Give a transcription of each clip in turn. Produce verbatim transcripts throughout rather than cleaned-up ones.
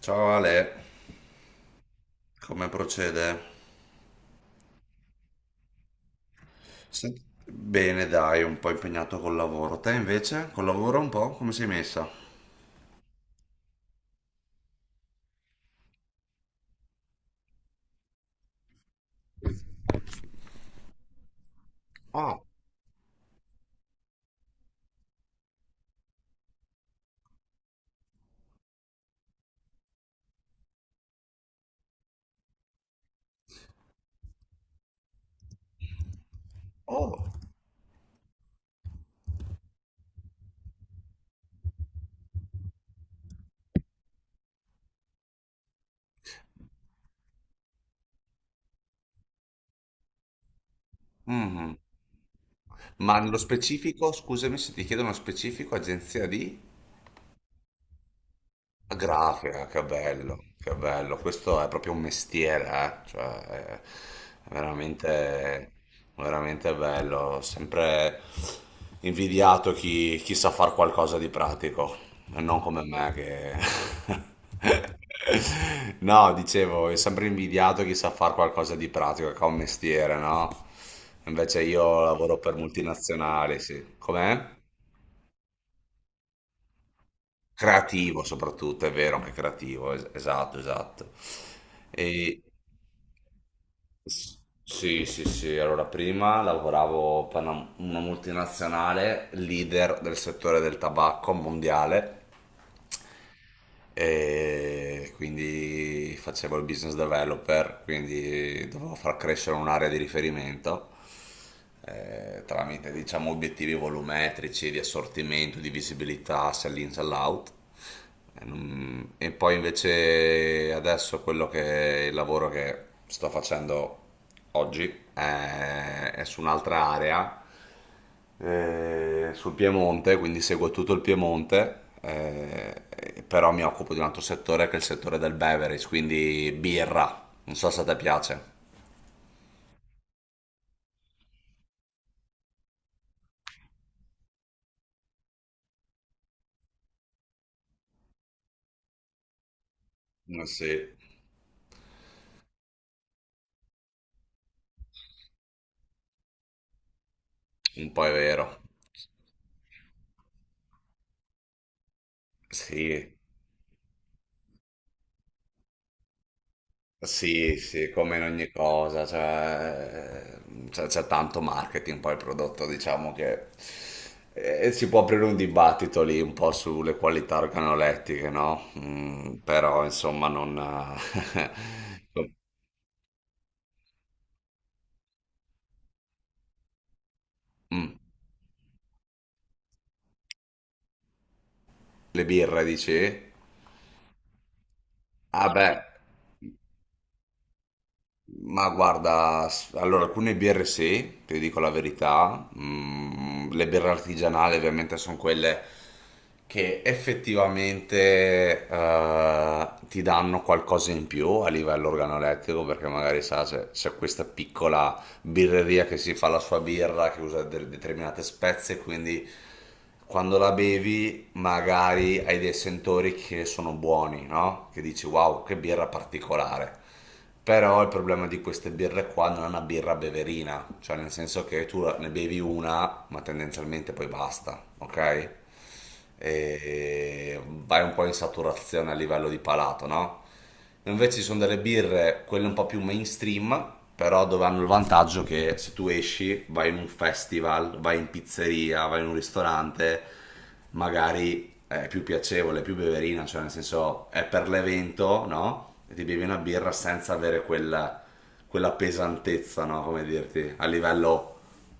Ciao Ale, come procede? Sent- Bene, dai, un po' impegnato col lavoro. Te invece, col lavoro un po', come sei messa? Oh, mhm. Ma nello specifico, scusami se ti chiedo uno specifico, agenzia di? La grafica, che bello, che bello. Questo è proprio un mestiere, eh. Cioè, è è veramente, veramente bello. Ho sempre invidiato chi, chi sa far qualcosa di pratico, e non come me che... No, dicevo, è sempre invidiato chi sa far qualcosa di pratico, che ha un mestiere, no? Invece io lavoro per multinazionali, sì. Com'è? Creativo soprattutto, è vero, anche creativo, es- esatto, esatto. E, s- sì, sì, sì, allora prima lavoravo per una, una multinazionale, leader del settore del tabacco mondiale, e quindi facevo il business developer, quindi dovevo far crescere un'area di riferimento eh, tramite diciamo obiettivi volumetrici di assortimento, di visibilità, sell-in, sell-out. E non- E poi invece adesso quello che il lavoro che sto facendo oggi è, è su un'altra area eh, sul Piemonte, quindi seguo tutto il Piemonte, eh, però mi occupo di un altro settore che è il settore del beverage, quindi birra. Non so se a te piace. Eh sì, un po' è vero. Sì, sì, sì, come in ogni cosa, cioè, c'è c'è tanto marketing, poi il prodotto, diciamo che eh, si può aprire un dibattito lì un po' sulle qualità organolettiche, no? Mm, però insomma non... Mm. Le birre, dici? Ah beh, ma guarda, s- allora alcune birre sì, ti dico la verità. Mm, le birre artigianali ovviamente sono quelle che effettivamente eh, ti danno qualcosa in più a livello organolettico, perché magari sa, se c'è questa piccola birreria che si fa la sua birra, che usa de- determinate spezie, quindi quando la bevi magari hai dei sentori che sono buoni, no? Che dici wow, che birra particolare. Però il problema di queste birre qua, non è una birra beverina, cioè nel senso che tu ne bevi una, ma tendenzialmente poi basta, ok? E vai un po' in saturazione a livello di palato, no? Invece ci sono delle birre, quelle un po' più mainstream, però dove hanno il vantaggio che se tu esci, vai in un festival, vai in pizzeria, vai in un ristorante, magari è più piacevole, più beverina, cioè nel senso è per l'evento, no? E ti bevi una birra senza avere quella, quella pesantezza, no? Come dirti, a livello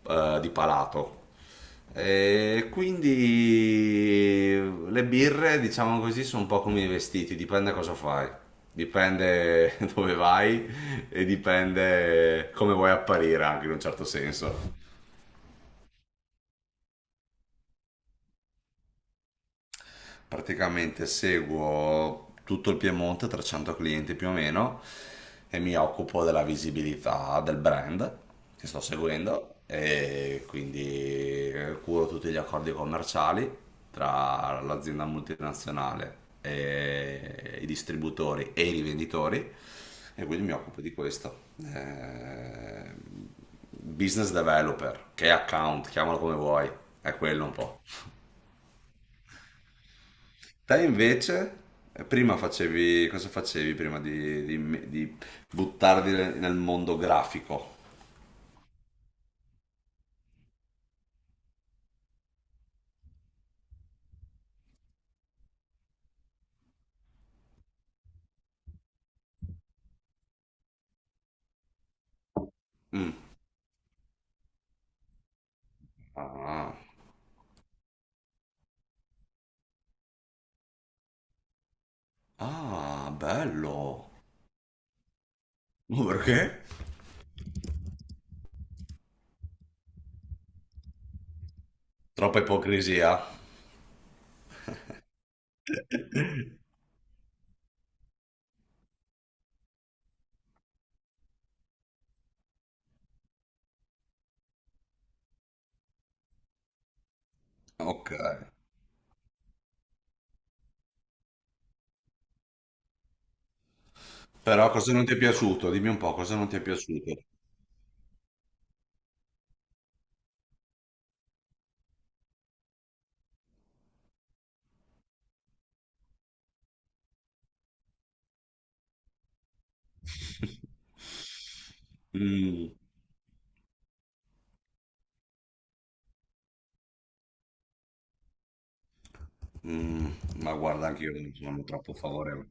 eh, di palato. E quindi le birre, diciamo così, sono un po' come i vestiti, dipende cosa fai, dipende dove vai e dipende come vuoi apparire anche in un certo senso. Praticamente seguo tutto il Piemonte, trecento clienti più o meno, e mi occupo della visibilità del brand che sto seguendo e quindi curo tutti gli accordi commerciali tra l'azienda multinazionale e i distributori e i rivenditori, e quindi mi occupo di questo. Eh, business developer, che account, chiamalo come vuoi, è quello un po'. Te invece, eh, prima facevi, cosa facevi prima di, di- di buttarti nel nel mondo grafico? Mm. Ah. Ah, bello. Ma perché? Troppa ipocrisia. Ok. Però cosa non ti è piaciuto? Dimmi un po', cosa non ti è piaciuto? Mm. Mm. Ma guarda, anche io non sono troppo favorevole.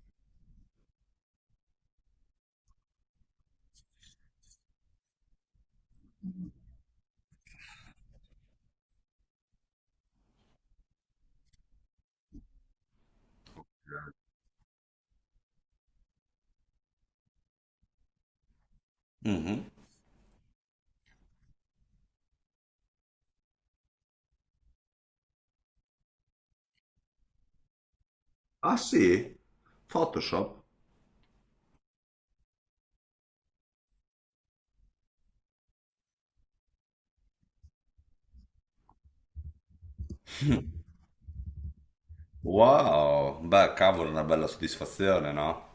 Mhm. Ah sì? Photoshop? Wow, beh, cavolo, una bella soddisfazione, no?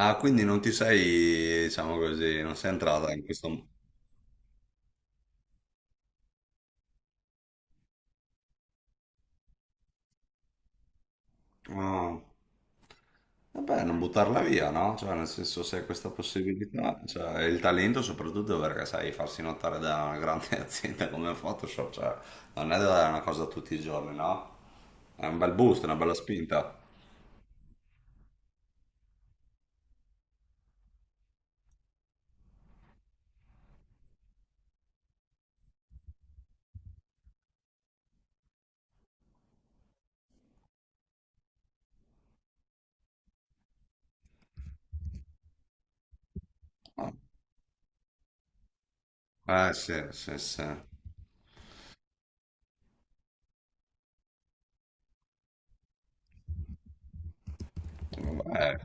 Ah, quindi non ti sei, diciamo così, non sei entrata in questo... Ah, vabbè, non buttarla via, no? Cioè, nel senso, se hai questa possibilità, cioè, e il talento soprattutto perché sai farsi notare da una grande azienda come Photoshop, cioè, non è da- una cosa tutti i giorni, no? È un bel boost, una bella spinta. Ah, eh, sì, sì, sì. Beh,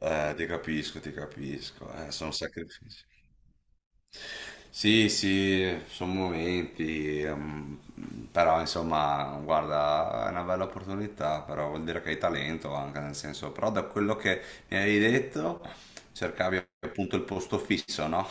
eh, ti capisco, ti capisco, eh, sono sacrifici. Sì, sì, sono momenti, ehm, però insomma, guarda, è una bella opportunità, però vuol dire che hai talento anche, nel senso, però da quello che mi avevi detto, cercavi appunto il posto fisso, no?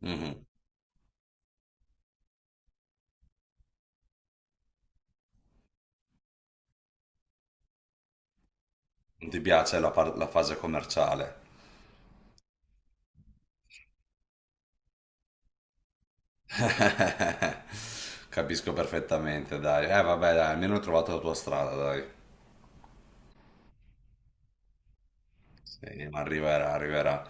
Mhm. Non ti piace la, par- la fase commerciale? Capisco perfettamente, dai. Eh, vabbè, dai, almeno hai trovato la tua strada, dai. Sì, ma arriverà, arriverà.